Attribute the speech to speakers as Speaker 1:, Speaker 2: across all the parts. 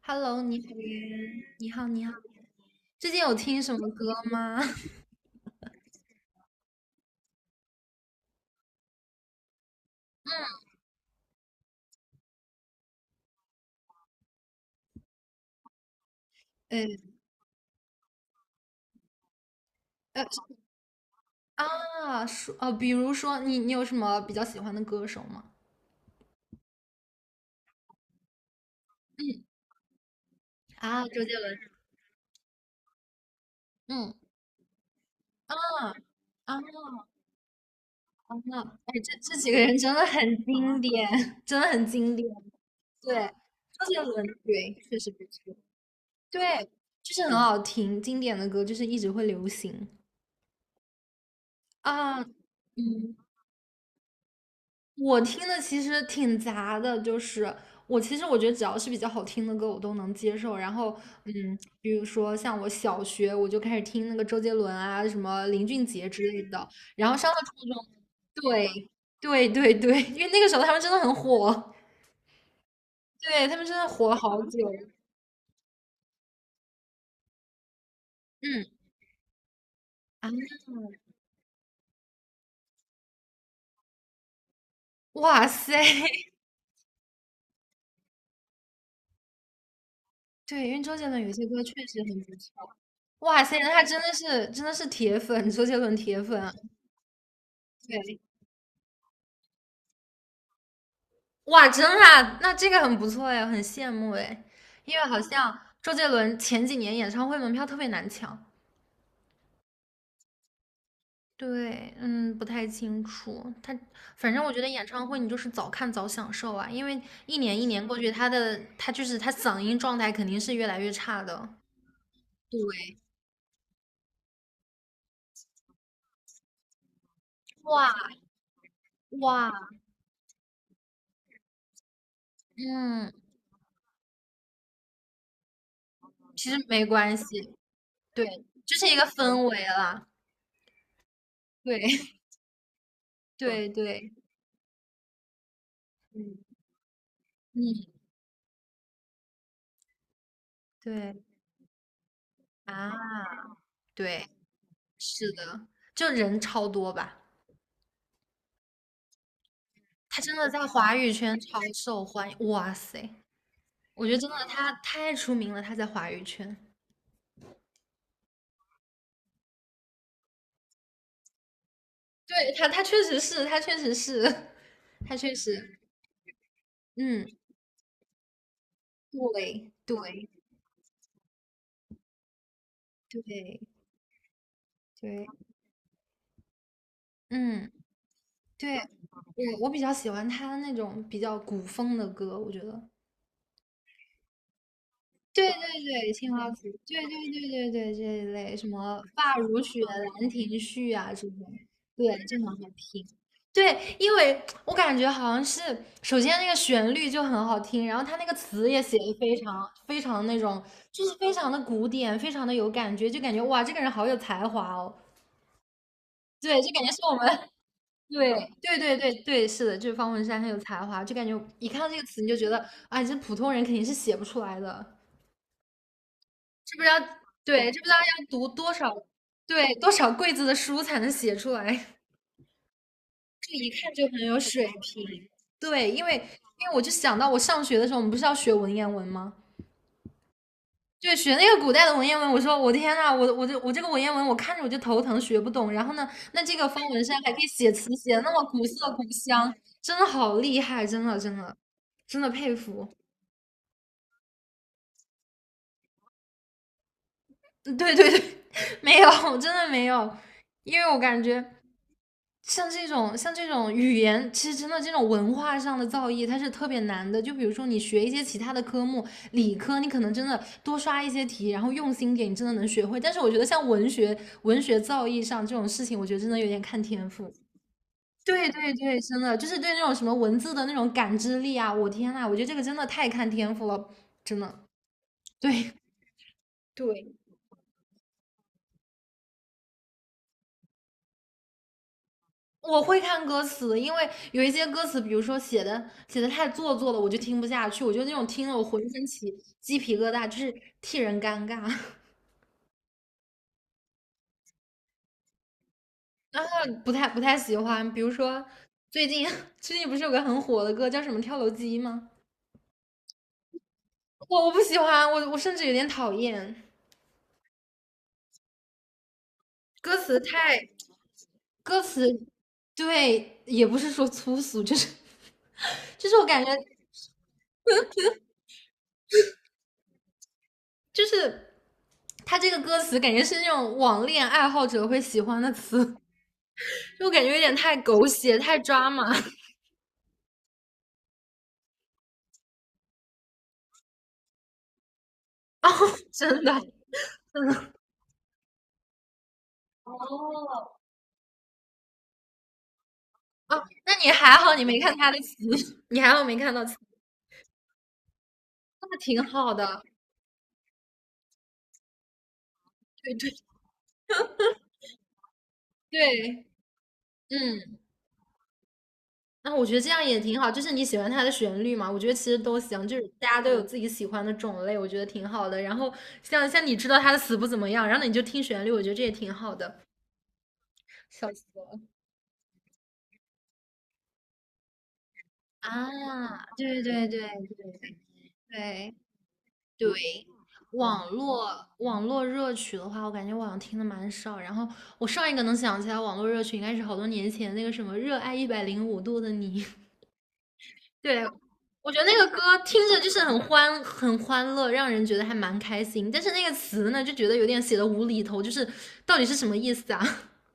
Speaker 1: Hello，你好呀，你好，你好。最近有听什么歌吗？哎，呃，比如说你有什么比较喜欢的歌手吗？嗯，啊，周杰伦。嗯，啊啊啊！哎，这几个人真的很经典，真的很经典。对，周杰伦，对，确实不错。对，就是很好听，经典的歌就是一直会流行啊。嗯，我听的其实挺杂的，就是我其实我觉得只要是比较好听的歌，我都能接受。然后，嗯，比如说像我小学我就开始听那个周杰伦啊，什么林俊杰之类的。然后上了初中，对对，因为那个时候他们真的很火，对他们真的火了好久。嗯啊，哇塞，对，因为周杰伦有些歌确实很不错。哇塞，那他真的是铁粉，周杰伦铁粉啊对。哇，真的啊那这个很不错哎，很羡慕哎，因为好像周杰伦前几年演唱会门票特别难抢。对，嗯，不太清楚。反正我觉得演唱会你就是早看早享受啊，因为一年一年过去，他的他就是他嗓音状态肯定是越来越差的。对，哇哇，嗯，其实没关系，对，就是一个氛围啦。对 对对，嗯，对啊，对。是的，就人超多吧，他真的在华语圈超受欢迎，哇塞，我觉得真的他太出名了，他在华语圈，他确实是，他确实 嗯，对对对对，嗯，对，我比较喜欢他那种比较古风的歌，我觉得对对对，青花瓷，对，这一类什么发如雪、兰亭序啊这种，对，这种还挺。对，因为我感觉好像是，首先那个旋律就很好听，然后它那个词也写的非常那种，就是非常的古典，非常的有感觉，就感觉哇，这个人好有才华哦。对，就感觉是我们，对对，是的，就是方文山很有才华，就感觉一看到这个词你就觉得，哎，这普通人肯定是写不出来的。这不是要对，这不知道要读多少对多少柜子的书才能写出来，这一看就很有水平。对，因为我就想到我上学的时候，我们不是要学文言文吗？对，学那个古代的文言文，我说我天呐，我这个文言文，我看着我就头疼，学不懂。然后呢，那这个方文山还可以写词，写的那么古色古香，真的好厉害，真的佩服。嗯对，没有，真的没有，因为我感觉像这种语言，其实真的这种文化上的造诣，它是特别难的。就比如说你学一些其他的科目，理科你可能真的多刷一些题，然后用心点，你真的能学会。但是我觉得像文学文学造诣上这种事情，我觉得真的有点看天赋。对，真的就是对那种什么文字的那种感知力啊，我天呐，我觉得这个真的太看天赋了，真的。对，对，我会看歌词，因为有一些歌词，比如说写的太做作了，我就听不下去。我就那种听了我浑身起鸡皮疙瘩，就是替人尴尬，不太喜欢。比如说最近 最近不是有个很火的歌叫什么《跳楼机》吗？我不喜欢，我甚至有点讨厌歌词太歌词，对，也不是说粗俗，就是就是我感觉就是他这个歌词感觉是那种网恋爱好者会喜欢的词。就感觉有点太狗血、太抓马哦，真的哦，哦。那你还好，你没看他的棋，你还好没看到棋，那挺好的。对对对，嗯，那我觉得这样也挺好，就是你喜欢它的旋律嘛，我觉得其实都行，就是大家都有自己喜欢的种类，我觉得挺好的。然后像你知道他的词不怎么样，然后你就听旋律，我觉得这也挺好的。笑死我了啊！对对。对，网络热曲的话，我感觉我好像听的蛮少。然后我上一个能想起来网络热曲，应该是好多年前那个什么《热爱105度的你》。对，我觉得那个歌听着就是很欢乐，让人觉得还蛮开心。但是那个词呢，就觉得有点写的无厘头，就是到底是什么意思啊？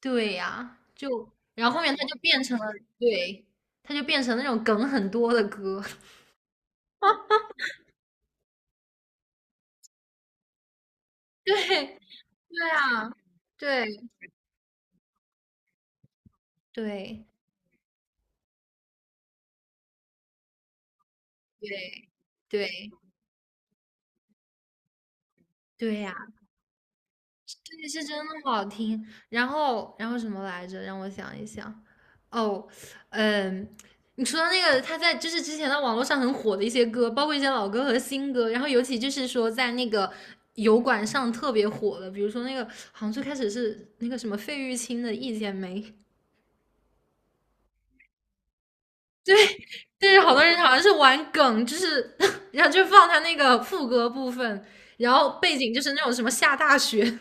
Speaker 1: 对呀、就然后后面它就变成了，对，它就变成那种梗很多的歌。对，对啊，对对。对，对，对呀，这个是真的好听。然后，然后什么来着？让我想一想。哦，嗯，你说到那个，他在就是之前的网络上很火的一些歌，包括一些老歌和新歌，然后尤其就是说在那个油管上特别火的，比如说那个好像最开始是那个什么费玉清的《一剪梅》，对，就是好多人好像是玩梗，就是 然后就放他那个副歌部分，然后背景就是那种什么下大雪。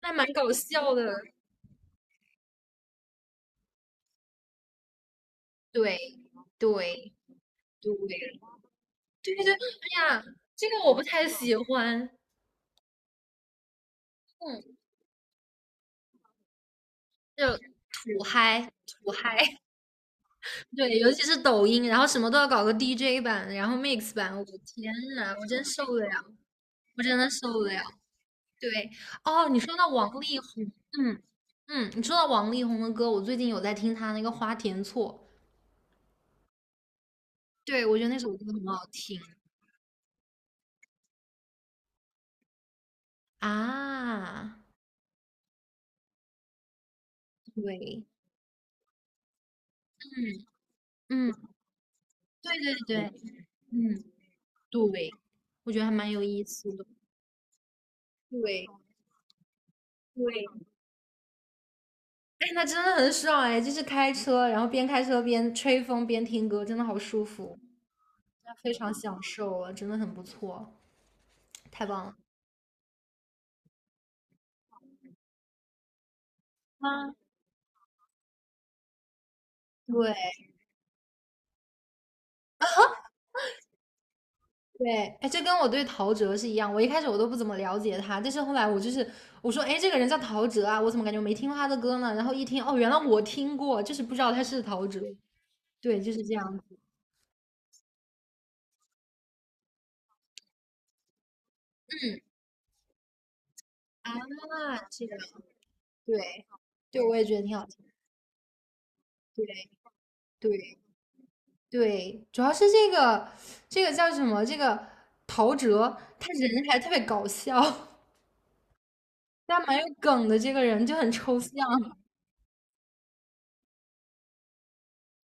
Speaker 1: 那蛮搞笑的，对对对对，哎呀，这个我不太喜欢，嗯，就土嗨土嗨，对，尤其是抖音，然后什么都要搞个 DJ 版，然后 mix 版，我的天呐，我真受不了，我真的受不了。对，哦，你说到王力宏，嗯嗯，你说到王力宏的歌，我最近有在听他那个《花田错》，对，我觉得那首歌很好听啊，对，嗯嗯，对。嗯，对，我觉得还蛮有意思的。对对，哎，那真的很爽哎，就是开车，然后边开车边吹风边听歌，真的好舒服，非常享受啊，真的很不错，太棒了。啊，对对，哎，这跟我对陶喆是一样，我一开始我都不怎么了解他，但是后来我就是我说，哎，这个人叫陶喆啊，我怎么感觉没听过他的歌呢？然后一听，哦，原来我听过，就是不知道他是陶喆，对，就是这样子。啊，是的，对，对，我也觉得挺好听的对对。对，主要是这个叫什么？这个陶喆，他人还特别搞笑，他蛮有梗的。这个人就很抽象，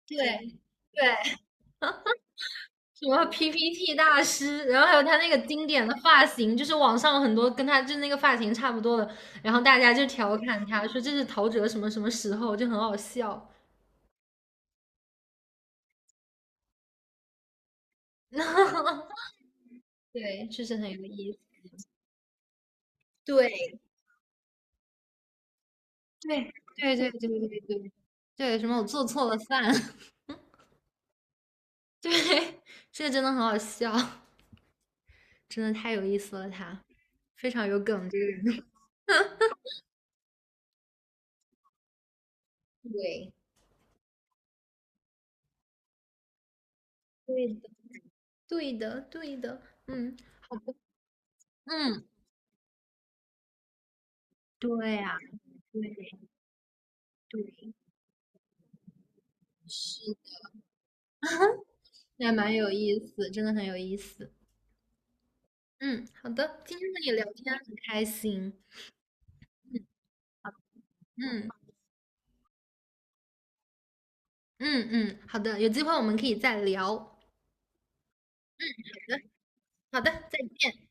Speaker 1: 对对，什么 PPT 大师，然后还有他那个经典的发型，就是网上有很多跟他就那个发型差不多的，然后大家就调侃他说这是陶喆什么什么时候，就很好笑。对，确实很有意思。对对对对对对对对，什么我做错了饭。对，这个真的很好笑，真的太有意思了他，非常有梗这个人。对，对的，对的，对的，嗯嗯，对呀、对对，是的，那蛮有意思，真的很有意思。嗯，好的，今天和你聊天很开心。嗯嗯，好的，有机会我们可以再聊。好的，好的，再见。